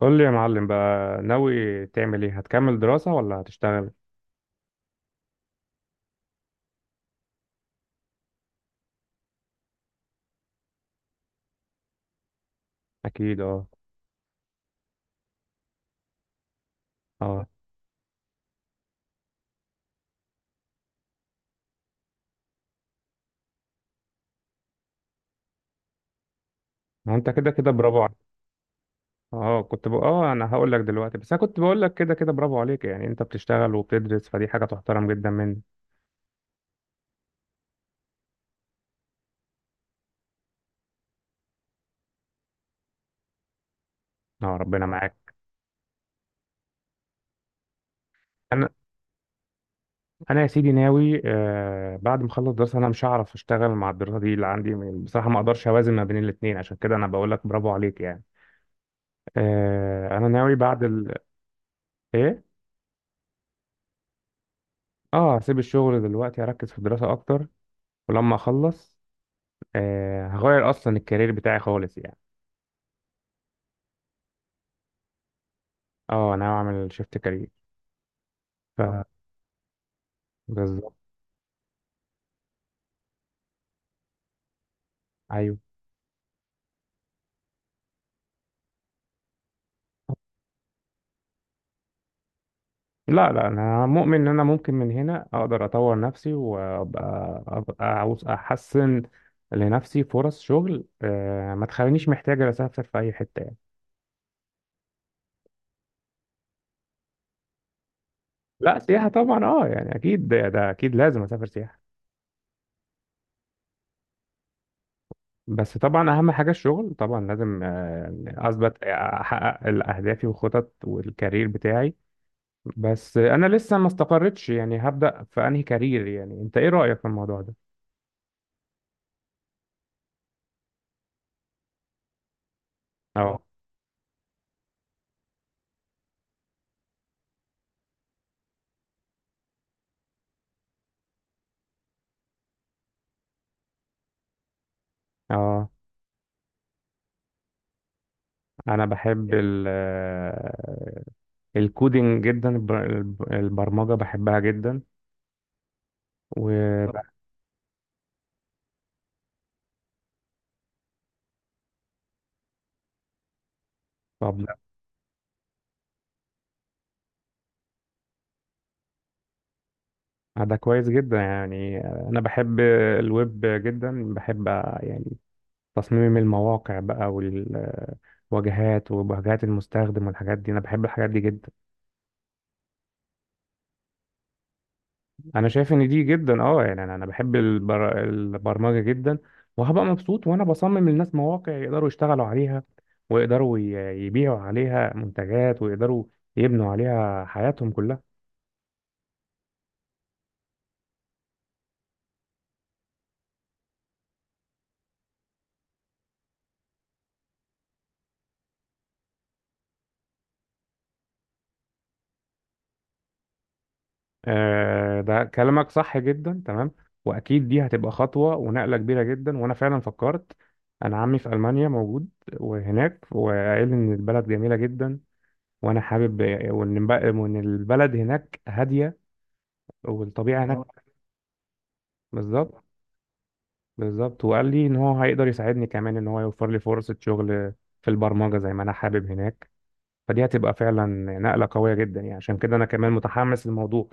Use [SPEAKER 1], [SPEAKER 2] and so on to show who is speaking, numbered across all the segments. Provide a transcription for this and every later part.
[SPEAKER 1] قول لي يا معلم بقى، ناوي تعمل ايه؟ هتكمل دراسة ولا هتشتغل؟ اكيد، اه، اه. ما هو انت كده كده برافو عليك. اه كنت بقى، انا هقول لك دلوقتي، بس انا كنت بقول لك كده كده برافو عليك، يعني انت بتشتغل وبتدرس، فدي حاجة تحترم جدا منك. اه، ربنا معاك. انا انا يا سيدي ناوي، بعد ما اخلص دراسة انا مش هعرف اشتغل مع الدراسة دي اللي عندي، بصراحة ما اقدرش اوازن ما بين الاتنين، عشان كده انا بقول لك برافو عليك يعني. انا ناوي بعد ال-. ايه؟ اه، هسيب الشغل دلوقتي، اركز في الدراسة اكتر. ولما اخلص، هغير اصلا الكارير بتاعي خالص يعني. اه، انا هعمل شيفت كارير. ف آه. بالظبط. ايوه. لا، لا، انا مؤمن ان انا ممكن من هنا اقدر اطور نفسي وابقى، أبقى عاوز احسن لنفسي فرص شغل، ما تخلينيش محتاج اسافر في اي حته يعني. لا، سياحه طبعا، يعني اكيد ده اكيد لازم اسافر سياحه. بس طبعا اهم حاجه الشغل، طبعا لازم اثبت، احقق اهدافي وخطط والكارير بتاعي. بس انا لسه ما استقرتش يعني، هبدأ في انهي كارير؟ يعني انت ايه رأيك في الموضوع ده؟ اه اه. انا بحب الكودينج جدا، البرمجة بحبها جدا. و طب، لا. ده كويس جدا يعني، انا بحب الويب جدا، بحب يعني، تصميم المواقع بقى، والواجهات وواجهات المستخدم والحاجات دي، انا بحب الحاجات دي جدا. انا شايف ان دي جدا، يعني انا بحب البرمجه جدا، وهبقى مبسوط وانا بصمم للناس مواقع يقدروا يشتغلوا عليها، ويقدروا يبيعوا عليها منتجات، ويقدروا يبنوا عليها حياتهم كلها. آه، ده كلامك صح جدا، تمام. واكيد دي هتبقى خطوه ونقله كبيره جدا، وانا فعلا فكرت، انا عمي في المانيا موجود وهناك، وقال لي ان البلد جميله جدا، وانا حابب، وان وإن البلد هناك هاديه، والطبيعه هناك. بالظبط، بالظبط، وقال لي ان هو هيقدر يساعدني، كمان ان هو يوفر لي فرصة شغل في البرمجة زي ما انا حابب هناك، فدي هتبقى فعلا نقلة قوية جدا، يعني عشان كده انا كمان متحمس للموضوع.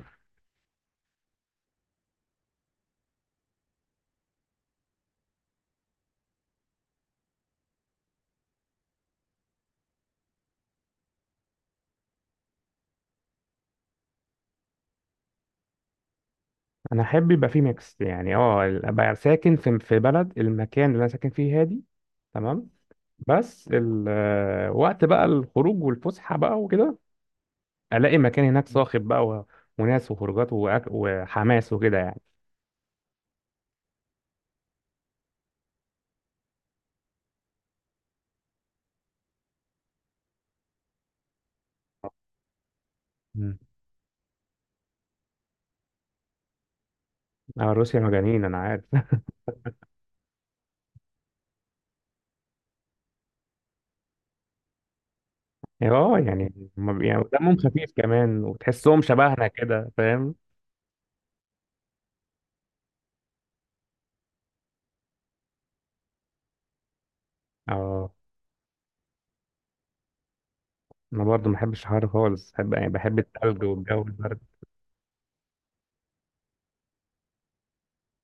[SPEAKER 1] انا احب يبقى فيه ميكس يعني، ابقى ساكن في بلد، المكان اللي انا ساكن فيه هادي، تمام. بس الوقت بقى الخروج والفسحة بقى وكده، الاقي مكان هناك صاخب بقى، وناس وخروجات وحماس وكده يعني. مم. اه، روسيا مجانين، انا عارف. اه، يعني هما يعني دمهم خفيف كمان، وتحسهم شبهنا كده، فاهم؟ اه، انا برضو ما بحبش الحر خالص، بحب يعني، بحب الثلج والجو البرد.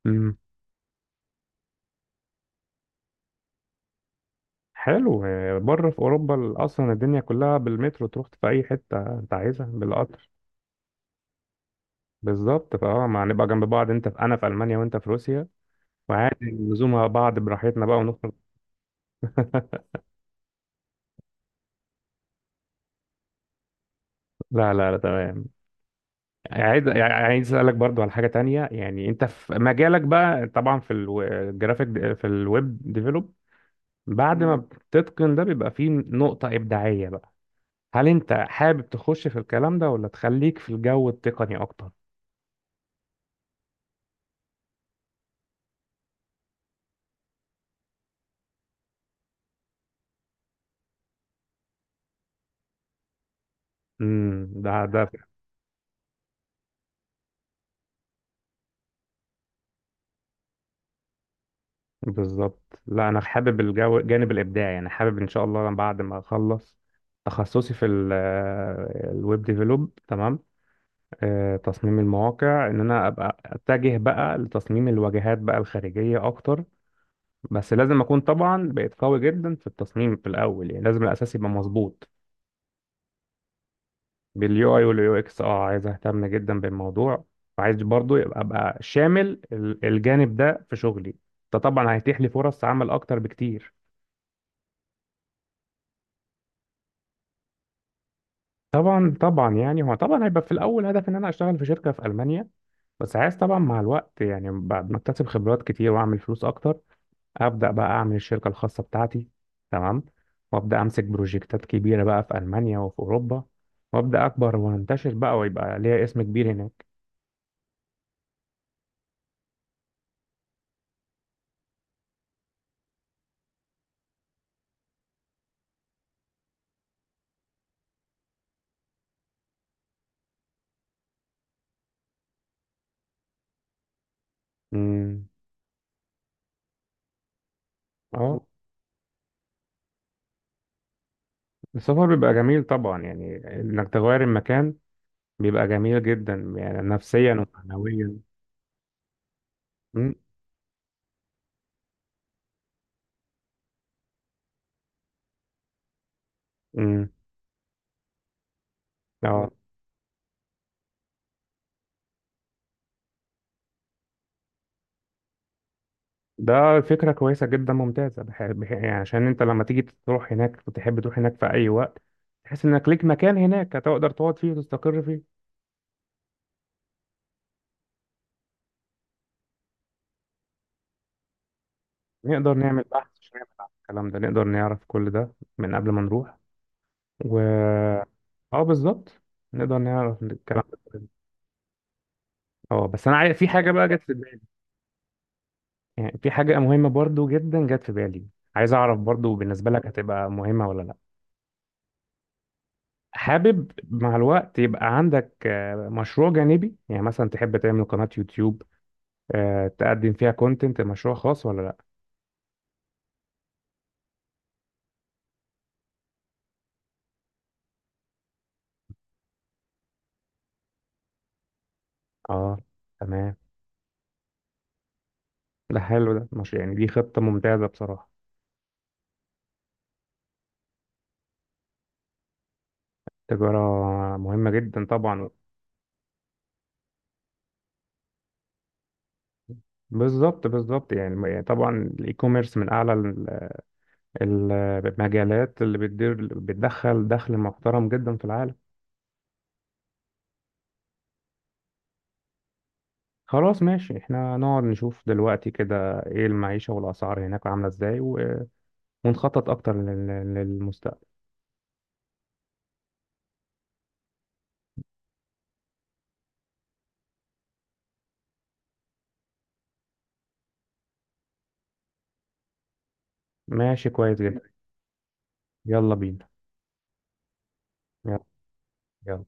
[SPEAKER 1] امم. حلو، بره في اوروبا اصلا الدنيا كلها بالمترو، تروح في اي حته انت عايزها بالقطر. بالظبط، فاه ما هنبقى جنب بعض، انت في انا في المانيا وانت في روسيا، وعادي نزومها بعض براحتنا بقى ونخرج. لا، لا، لا، تمام. عايز اسالك برضو على حاجه تانية، يعني انت في مجالك بقى طبعا، في الجرافيك، في الويب ديفلوب، بعد ما بتتقن ده، بيبقى فيه نقطة إبداعية بقى. هل أنت حابب تخش في الكلام ده ولا تخليك في الجو التقني أكتر؟ امم، ده ده بالظبط، لا، أنا حابب الجو، الجانب الإبداعي يعني، حابب إن شاء الله أنا بعد ما أخلص تخصصي في الويب ديفلوب، تمام. تصميم المواقع، إن أنا أبقى أتجه بقى لتصميم الواجهات بقى الخارجية أكتر، بس لازم أكون طبعا بقيت قوي جدا في التصميم في الأول، يعني لازم الأساس يبقى مظبوط. باليو اي واليو اكس، عايز اهتم جدا بالموضوع، وعايز برضو يبقى ابقى شامل الجانب ده في شغلي، ده طبعا هيتيح لي فرص عمل اكتر بكتير. طبعا، طبعا، يعني هو طبعا هيبقى في الاول هدف، ان انا اشتغل في شركه في المانيا، بس عايز طبعا مع الوقت، يعني بعد ما اكتسب خبرات كتير واعمل فلوس اكتر، ابدا بقى اعمل الشركه الخاصه بتاعتي، تمام، وابدا امسك بروجكتات كبيره بقى في المانيا وفي اوروبا، وابدا اكبر وانتشر بقى ويبقى ليا اسم كبير هناك. امم. اه، السفر بيبقى جميل طبعا، يعني انك تغير المكان، بيبقى جميل جدا يعني، نفسيا ومعنويا. م- م. اه. ده فكرة كويسة جدا ممتازة، يعني عشان انت لما تيجي تروح هناك، تحب تروح هناك في اي وقت، تحس انك ليك مكان هناك، هتقدر تقعد فيه وتستقر فيه. نقدر نعمل بحث، مش نعمل عن الكلام ده نقدر نعرف كل ده من قبل ما نروح. و اه، بالظبط، نقدر نعرف الكلام ده. اه بس انا عايز في حاجة بقى جت في، يعني في حاجة مهمة برضو جدا جت في بالي، عايز أعرف برضو بالنسبة لك هتبقى مهمة ولا لأ. حابب مع الوقت يبقى عندك مشروع جانبي، يعني مثلا تحب تعمل قناة يوتيوب، تقدم فيها كونتنت مشروع خاص ولا لأ؟ اه، تمام، ده حلو، ده مش، يعني دي خطة ممتازة بصراحة. تجارة مهمة جدا طبعا. بالظبط، بالظبط، يعني طبعا الاي كوميرس من اعلى المجالات اللي بتدير، بتدخل دخل محترم جدا في العالم. خلاص، ماشي، احنا نقعد نشوف دلوقتي كده ايه المعيشة والأسعار هناك عاملة ازاي، ونخطط أكتر للمستقبل. ماشي كويس جدا. يلا بينا. يلا. يلا.